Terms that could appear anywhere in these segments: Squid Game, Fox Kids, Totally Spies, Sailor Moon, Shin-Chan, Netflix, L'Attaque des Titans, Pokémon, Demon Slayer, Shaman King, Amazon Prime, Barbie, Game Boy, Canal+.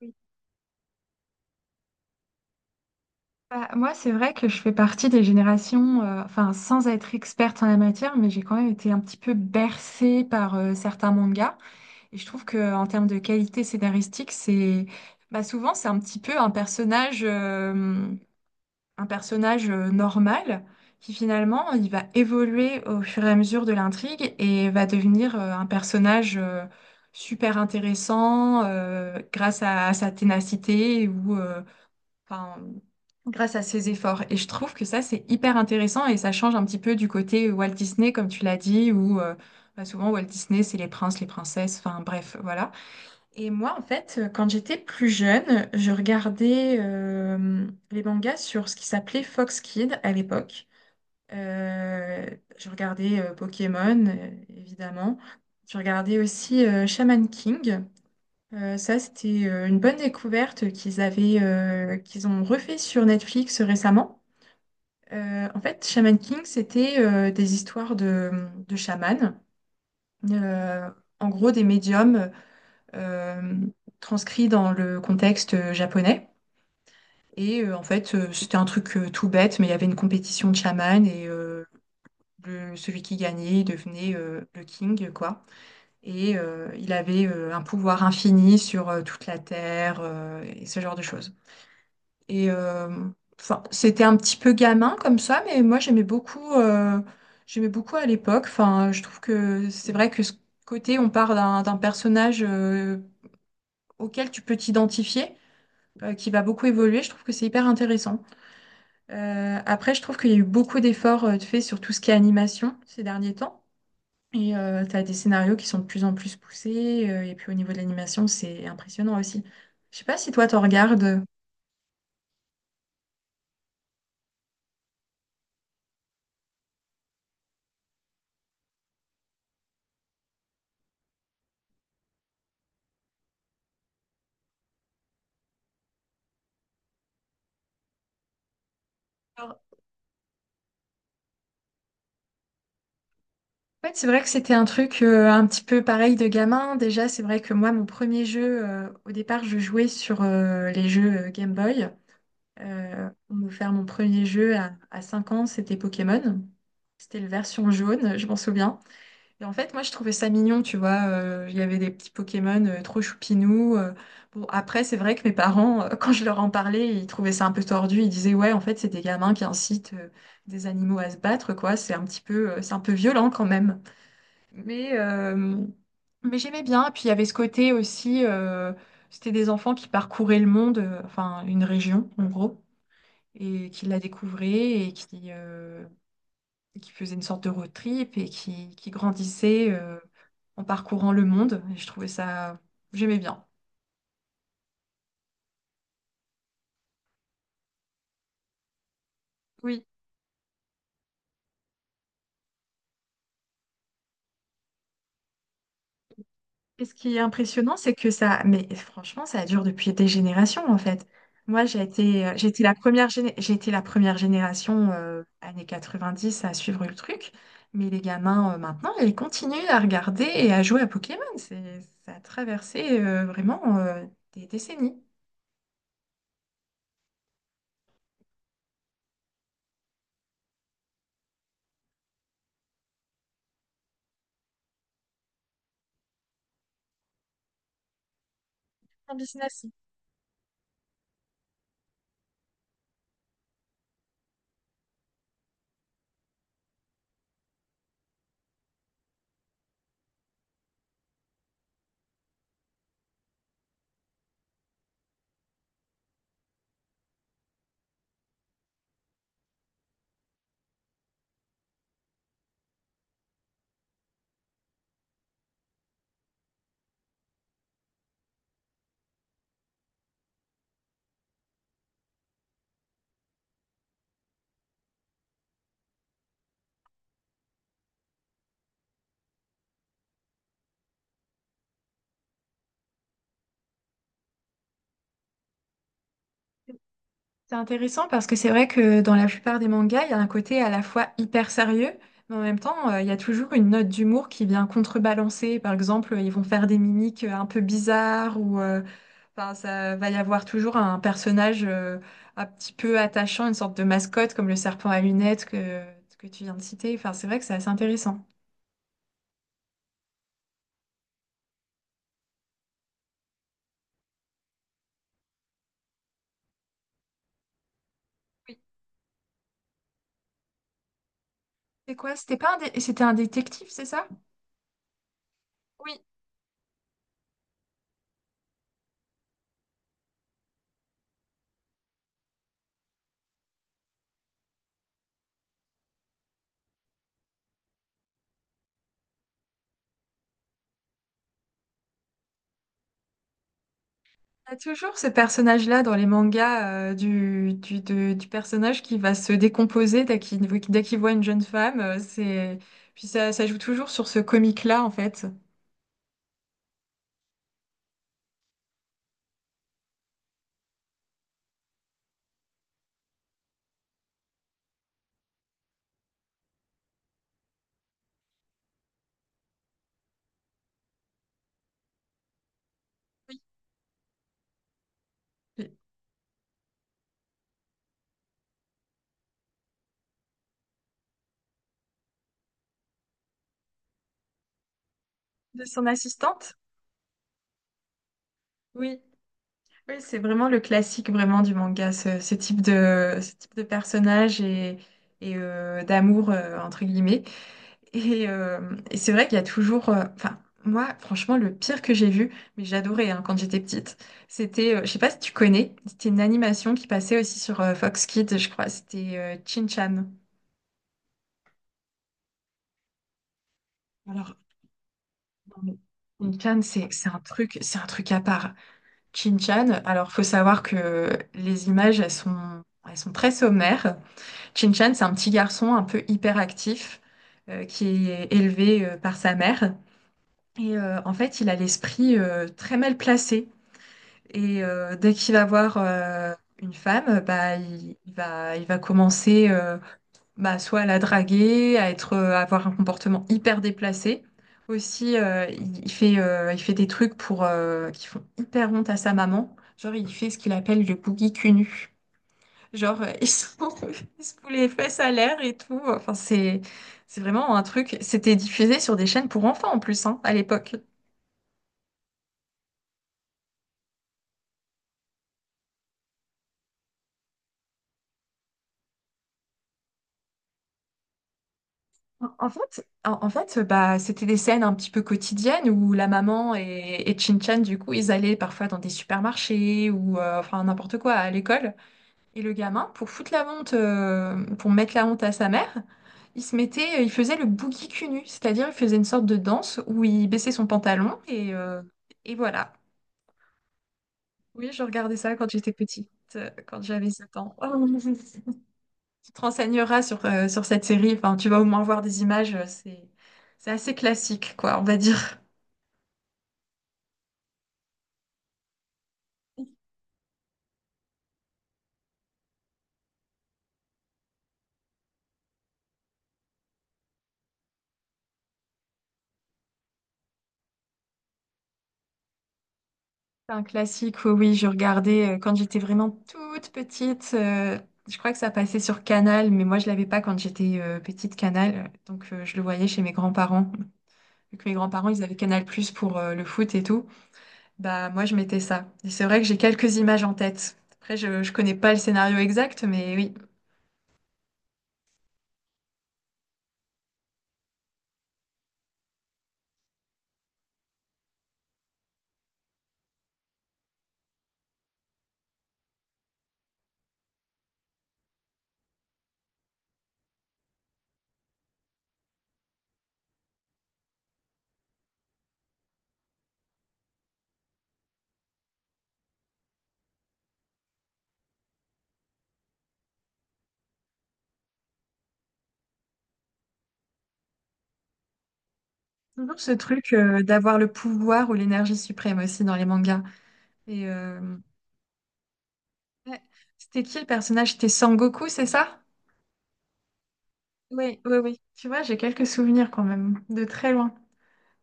Oui. Bah, moi, c'est vrai que je fais partie des générations, enfin, sans être experte en la matière, mais j'ai quand même été un petit peu bercée par certains mangas. Et je trouve que en termes de qualité scénaristique, c'est bah, souvent c'est un petit peu un personnage normal qui finalement il va évoluer au fur et à mesure de l'intrigue et va devenir un personnage super intéressant grâce à sa ténacité ou enfin, grâce à ses efforts. Et je trouve que ça, c'est hyper intéressant et ça change un petit peu du côté Walt Disney, comme tu l'as dit, où bah, souvent Walt Disney, c'est les princes, les princesses, enfin bref, voilà. Et moi, en fait, quand j'étais plus jeune, je regardais les mangas sur ce qui s'appelait Fox Kids à l'époque. Euh, je regardais Pokémon, évidemment. Je regardais aussi Shaman King. Ça, c'était une bonne découverte qu'ils ont refait sur Netflix récemment. En fait, Shaman King, c'était des histoires de chamans, Euh, en gros des médiums euh, transcrits dans le contexte japonais. En fait, c'était un truc tout bête, mais il y avait une compétition de chamans et celui qui gagnait il devenait le king, quoi. Et il avait un pouvoir infini sur toute la terre et ce genre de choses. Et euh, enfin, c'était un petit peu gamin comme ça, mais moi j'aimais beaucoup à l'époque. Enfin, je trouve que c'est vrai que ce côté, on part d'un personnage auquel tu peux t'identifier, qui va beaucoup évoluer. Je trouve que c'est hyper intéressant. Après, je trouve qu'il y a eu beaucoup d'efforts de faits sur tout ce qui est animation ces derniers temps. Et tu as des scénarios qui sont de plus en plus poussés. Et puis au niveau de l'animation, c'est impressionnant aussi. Je sais pas si toi, t'en regardes. Ouais, c'est vrai que c'était un truc un petit peu pareil de gamin. Déjà, c'est vrai que moi, mon premier jeu, au départ, je jouais sur les jeux Game Boy. On m'a offert mon premier jeu à 5 ans, c'était Pokémon. C'était la version jaune, je m'en souviens. Et en fait, moi, je trouvais ça mignon, tu vois. Il y avait des petits Pokémon trop choupinous. Bon, après, c'est vrai que mes parents, quand je leur en parlais, ils trouvaient ça un peu tordu. Ils disaient, ouais, en fait, c'est des gamins qui incitent des animaux à se battre, quoi. C'est un petit peu, c'est un peu violent quand même. Mais, mais j'aimais bien. Puis il y avait ce côté aussi, c'était des enfants qui parcouraient le monde, enfin une région en gros, et qui la découvraient et qui faisaient une sorte de road trip et qui grandissaient en parcourant le monde. Et je trouvais ça, j'aimais bien. Oui. Et ce qui est impressionnant, c'est que ça, mais franchement, ça dure depuis des générations en fait. Moi, j'ai été la première génération années 10 à suivre le truc, mais les gamins maintenant, ils continuent à regarder et à jouer à Pokémon. C'est, ça a traversé vraiment des décennies. Un business. C'est intéressant parce que c'est vrai que dans la plupart des mangas, il y a un côté à la fois hyper sérieux, mais en même temps, il y a toujours une note d'humour qui vient contrebalancer. Par exemple, ils vont faire des mimiques un peu bizarres ou enfin, ça va y avoir toujours un personnage un petit peu attachant, une sorte de mascotte comme le serpent à lunettes que tu viens de citer. Enfin, c'est vrai que c'est assez intéressant. Oui. C'est quoi? C'était pas un, c'était un détective, c'est ça? Oui. Il y a toujours ce personnage-là dans les mangas du personnage qui va se décomposer dès qu'il voit une jeune femme. Puis ça joue toujours sur ce comique-là, en fait. Oui. De son assistante? Oui. Oui, c'est vraiment le classique vraiment du manga, ce type de personnage et d'amour, entre guillemets. Et c'est vrai qu'il y a toujours. Enfin, moi, franchement, le pire que j'ai vu, mais j'adorais hein, quand j'étais petite, c'était. Je sais pas si tu connais, c'était une animation qui passait aussi sur Fox Kids, je crois. C'était Shin-Chan. Alors, non, mais Shin-Chan, c'est un truc, c'est un truc à part. Chin chan alors, faut savoir que les images, elles sont très sommaires. Chin chan c'est un petit garçon un peu hyperactif qui est élevé par sa mère. Et en fait, il a l'esprit très mal placé. Et dès qu'il va voir une femme, bah, il va commencer bah, soit à la draguer, à avoir un comportement hyper déplacé. Aussi, il fait des trucs qui font hyper honte à sa maman. Genre, il fait ce qu'il appelle le boogie cunu. Genre, il se fout les fesses à l'air et tout. Enfin, c'est vraiment un truc. C'était diffusé sur des chaînes pour enfants en plus, hein, à l'époque. En fait, bah, c'était des scènes un petit peu quotidiennes où la maman et Chin-Chan, du coup, ils allaient parfois dans des supermarchés ou enfin n'importe quoi à l'école. Et le gamin, pour mettre la honte à sa mère, il faisait le boogie cul nu, c'est-à-dire il faisait une sorte de danse où il baissait son pantalon et voilà. Oui, je regardais ça quand j'étais petite, quand j'avais 7 ans. Tu te renseigneras sur cette série, enfin, tu vas au moins voir des images, c'est assez classique, quoi, on va dire. C'est un classique, oui, oui, je regardais quand j'étais vraiment toute petite. Je crois que ça passait sur Canal, mais moi je l'avais pas quand j'étais petite Canal, donc je le voyais chez mes grands-parents. Vu que mes grands-parents, ils avaient Canal+ Plus pour le foot et tout, bah moi je mettais ça. Et c'est vrai que j'ai quelques images en tête. Après, je connais pas le scénario exact, mais oui. Toujours ce truc d'avoir le pouvoir ou l'énergie suprême aussi dans les mangas. Et ouais. C'était qui le personnage? C'était Sangoku, c'est ça? Oui, oui, oui. Tu vois, j'ai quelques souvenirs quand même, de très loin.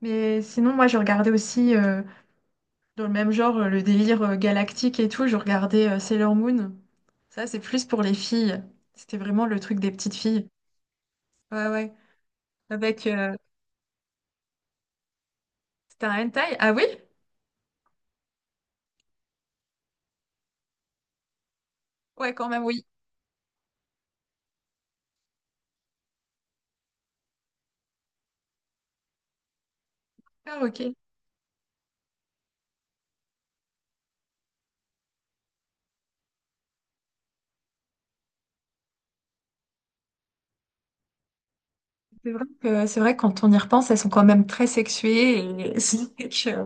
Mais sinon, moi, je regardais aussi, dans le même genre, le délire galactique et tout. Je regardais Sailor Moon. Ça, c'est plus pour les filles. C'était vraiment le truc des petites filles. Ouais, ouais. Avec. C'était un hentai? Ah oui? Ouais, quand même, oui. Ah, ok. C'est vrai que quand on y repense, elles sont quand même très sexuées. Et c'est que,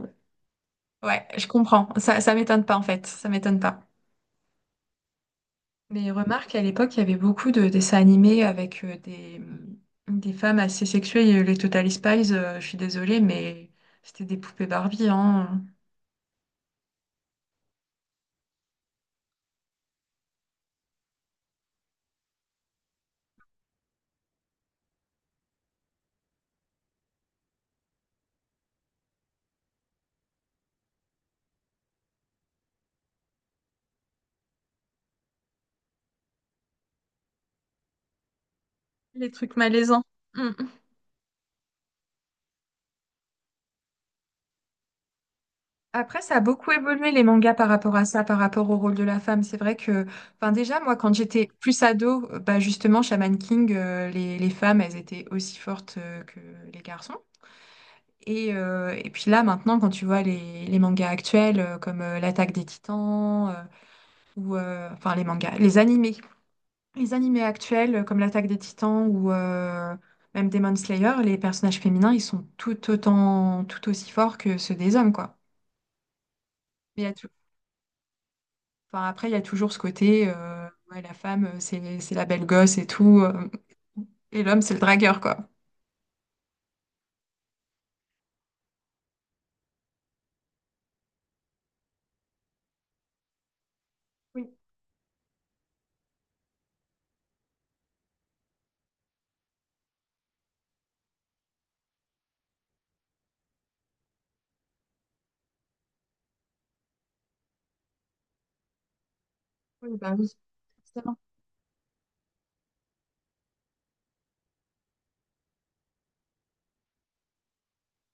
ouais, je comprends. Ça m'étonne pas, en fait. Ça m'étonne pas. Mais remarque, à l'époque, il y avait beaucoup de dessins animés avec des femmes assez sexuées. Il y a eu les Totally Spies, je suis désolée, mais c'était des poupées Barbie, hein. Les trucs malaisants. Mm. Après, ça a beaucoup évolué les mangas par rapport à ça, par rapport au rôle de la femme. C'est vrai que, enfin, déjà, moi, quand j'étais plus ado, bah, justement, Shaman King, les femmes, elles étaient aussi fortes que les garçons. Et puis là, maintenant, quand tu vois les mangas actuels, comme L'Attaque des Titans, ou enfin les mangas, les animés. Les animés actuels comme l'Attaque des Titans ou même Demon Slayer, les personnages féminins, ils sont tout autant, tout aussi forts que ceux des hommes, quoi. Mais il y a tou- enfin, après, il y a toujours ce côté, ouais, la femme, c'est la belle gosse et tout, et l'homme, c'est le dragueur, quoi. Oui, oui, bah oui. Forcément.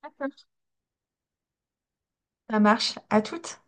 D'accord. Ça marche. À toutes.